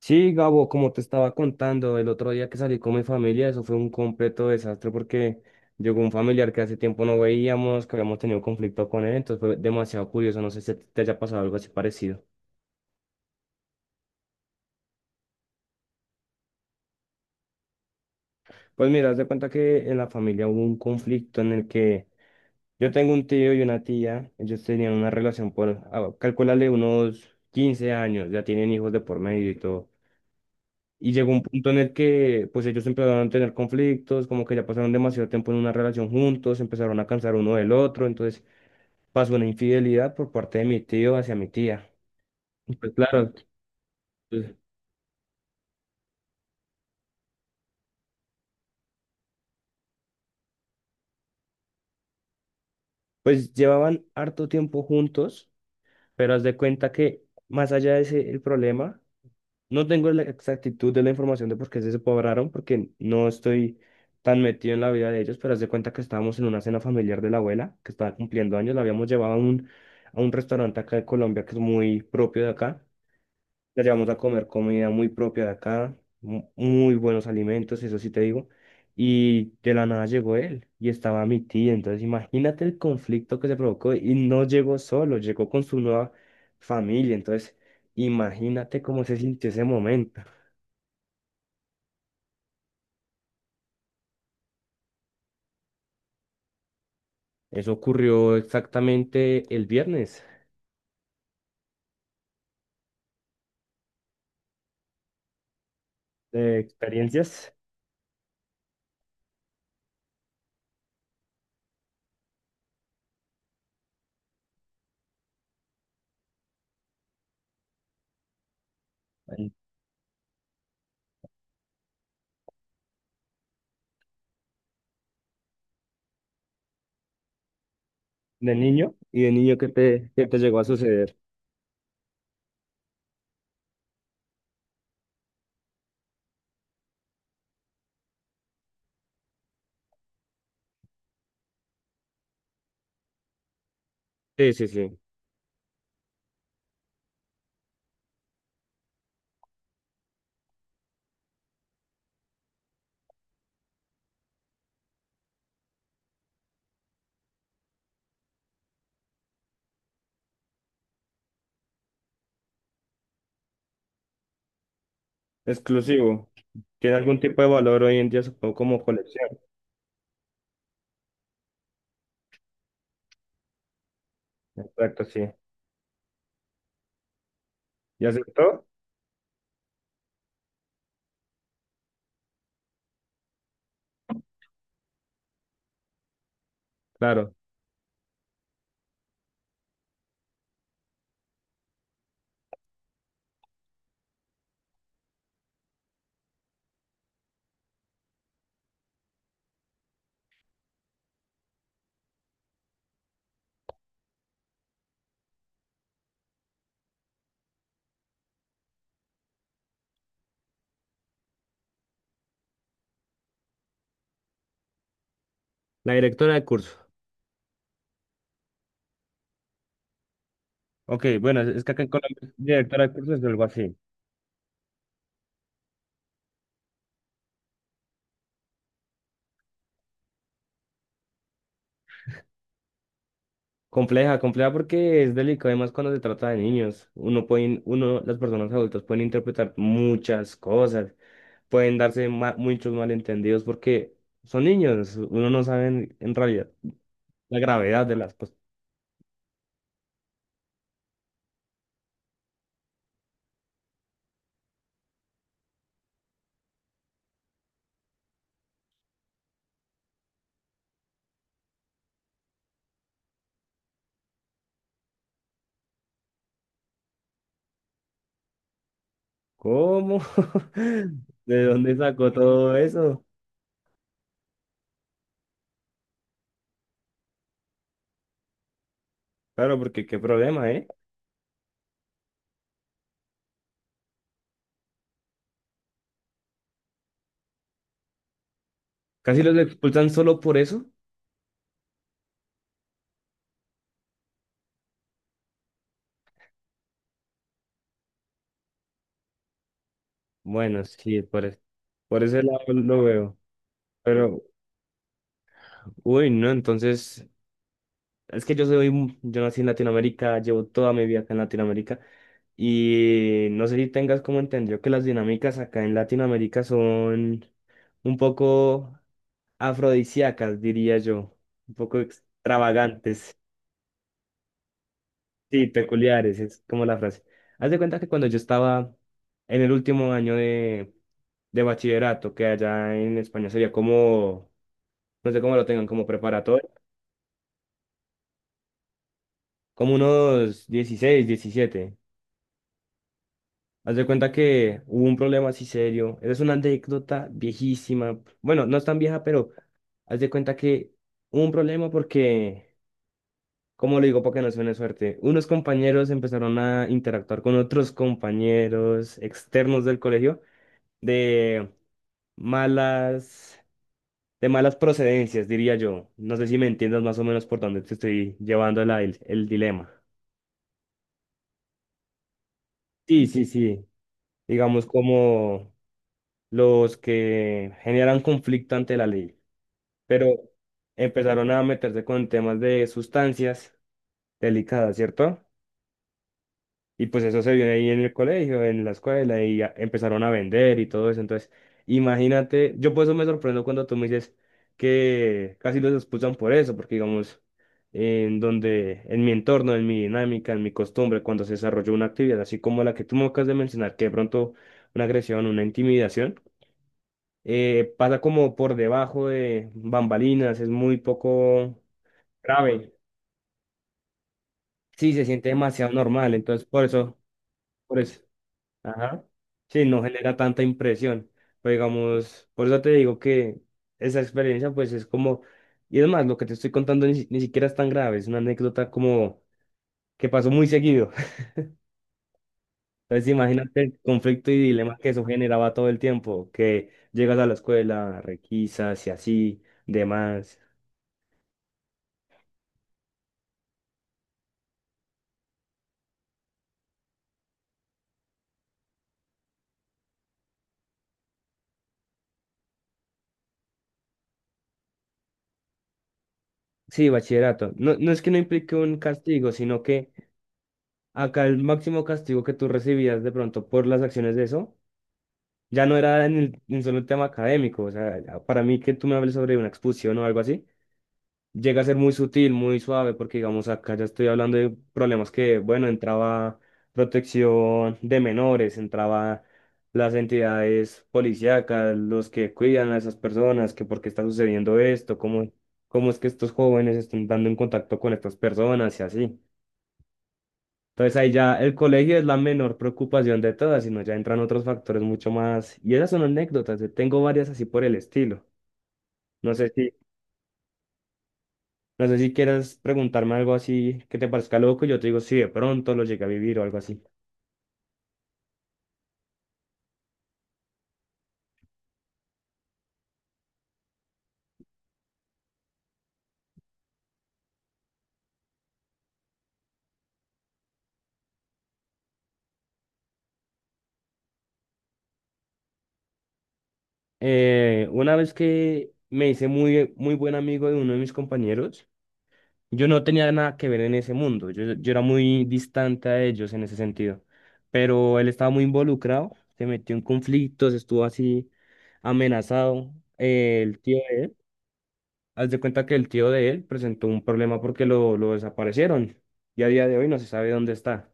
Sí, Gabo, como te estaba contando, el otro día que salí con mi familia, eso fue un completo desastre porque llegó un familiar que hace tiempo no veíamos, que habíamos tenido conflicto con él. Entonces fue demasiado curioso, no sé si te haya pasado algo así parecido. Pues mira, haz de cuenta que en la familia hubo un conflicto en el que yo tengo un tío y una tía. Ellos tenían una relación por, calcúlale, unos 15 años, ya tienen hijos de por medio y todo. Y llegó un punto en el que pues ellos empezaron a tener conflictos, como que ya pasaron demasiado tiempo en una relación juntos, empezaron a cansar uno del otro. Entonces pasó una infidelidad por parte de mi tío hacia mi tía. Y pues claro, pues, pues llevaban harto tiempo juntos, pero haz de cuenta que más allá de ese el problema, no tengo la exactitud de la información de por qué se separaron, porque no estoy tan metido en la vida de ellos. Pero haz de cuenta que estábamos en una cena familiar de la abuela, que estaba cumpliendo años. La habíamos llevado a un restaurante acá de Colombia que es muy propio de acá, la llevamos a comer comida muy propia de acá, muy buenos alimentos, eso sí te digo. Y de la nada llegó él y estaba mi tía. Entonces imagínate el conflicto que se provocó, y no llegó solo, llegó con su nueva familia. Entonces imagínate cómo se sintió ese momento. Eso ocurrió exactamente el viernes. Experiencias ahí de niño, y de niño que te llegó a suceder. Sí, sí, sí. Exclusivo. Tiene algún tipo de valor hoy en día, supongo, como colección. Exacto, sí. ¿Ya aceptó? Claro. La directora de curso. Ok, bueno, es que acá en Colombia, directora de curso es algo así. Compleja, compleja, porque es delicado, además cuando se trata de niños. Uno pueden, uno, las personas adultas pueden interpretar muchas cosas, pueden darse muchos malentendidos porque son niños, uno no sabe en realidad la gravedad de las cosas. ¿Cómo? ¿De dónde sacó todo eso? Claro, porque qué problema, ¿eh? Casi los expulsan solo por eso. Bueno, sí, por, por ese lado lo veo. Pero, uy, no, entonces, es que yo soy, yo nací en Latinoamérica, llevo toda mi vida acá en Latinoamérica, y no sé si tengas como entendido que las dinámicas acá en Latinoamérica son un poco afrodisíacas, diría yo, un poco extravagantes, sí, peculiares, es como la frase. Haz de cuenta que cuando yo estaba en el último año de bachillerato, que allá en España sería como no sé cómo lo tengan, como preparatoria, como unos 16 17. Haz de cuenta que hubo un problema así serio. Esa es una anécdota viejísima. Bueno, no es tan vieja, pero haz de cuenta que hubo un problema porque, ¿cómo lo digo? Porque no suene suerte. Unos compañeros empezaron a interactuar con otros compañeros externos del colegio de malas, de malas procedencias, diría yo. No sé si me entiendas más o menos por dónde te estoy llevando el dilema. Sí, sí, sí. Digamos, como los que generan conflicto ante la ley, pero empezaron a meterse con temas de sustancias delicadas, ¿cierto? Y pues eso se vio ahí en el colegio, en la escuela, y ya empezaron a vender y todo eso. Entonces, imagínate, yo por eso me sorprendo cuando tú me dices que casi los expulsan por eso, porque digamos, en donde, en mi entorno, en mi dinámica, en mi costumbre, cuando se desarrolló una actividad así como la que tú me acabas de mencionar, que de pronto una agresión, una intimidación, pasa como por debajo de bambalinas, es muy poco grave. Sí, se siente demasiado normal, entonces por eso, ajá, sí, no genera tanta impresión. Pero digamos, por eso te digo que esa experiencia pues es como, y es más, lo que te estoy contando ni, ni siquiera es tan grave, es una anécdota como que pasó muy seguido. Entonces imagínate el conflicto y dilema que eso generaba todo el tiempo, que llegas a la escuela, requisas y así, demás. Sí, bachillerato. No, no es que no implique un castigo, sino que acá el máximo castigo que tú recibías de pronto por las acciones de eso, ya no era en el, en solo el tema académico. O sea, para mí que tú me hables sobre una expulsión o algo así, llega a ser muy sutil, muy suave, porque digamos acá ya estoy hablando de problemas que, bueno, entraba protección de menores, entraba las entidades policíacas, los que cuidan a esas personas, que por qué está sucediendo esto, cómo, cómo es que estos jóvenes están dando en contacto con estas personas y así. Entonces ahí ya el colegio es la menor preocupación de todas, sino ya entran otros factores mucho más. Y esas son anécdotas, yo tengo varias así por el estilo. No sé si No sé si quieras preguntarme algo así que te parezca loco, yo te digo si de pronto lo llegué a vivir o algo así. Una vez que me hice muy, muy buen amigo de uno de mis compañeros, yo no tenía nada que ver en ese mundo, yo era muy distante a ellos en ese sentido, pero él estaba muy involucrado, se metió en conflictos, estuvo así amenazado. Eh, el tío, de- Haz de cuenta que el tío de él presentó un problema porque lo desaparecieron y a día de hoy no se sabe dónde está.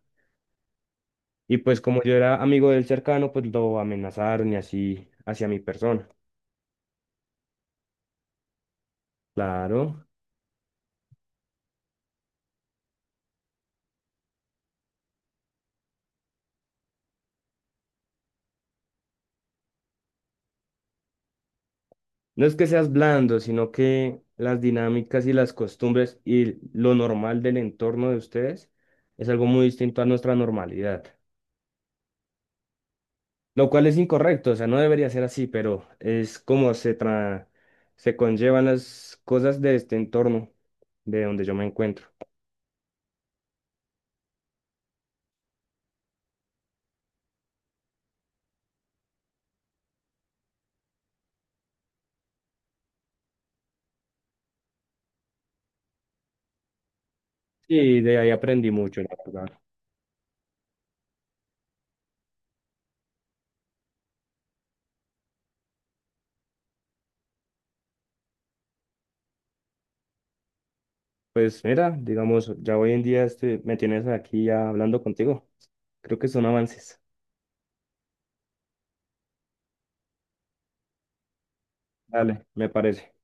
Y pues como yo era amigo del cercano, pues lo amenazaron y así hacia mi persona. Claro. No es que seas blando, sino que las dinámicas y las costumbres y lo normal del entorno de ustedes es algo muy distinto a nuestra normalidad. Lo cual es incorrecto, o sea, no debería ser así, pero es como se conllevan las cosas de este entorno, de donde yo me encuentro. Y de ahí aprendí mucho, la verdad. Pues mira, digamos, ya hoy en día estoy, me tienes aquí ya hablando contigo. Creo que son avances. Dale, me parece.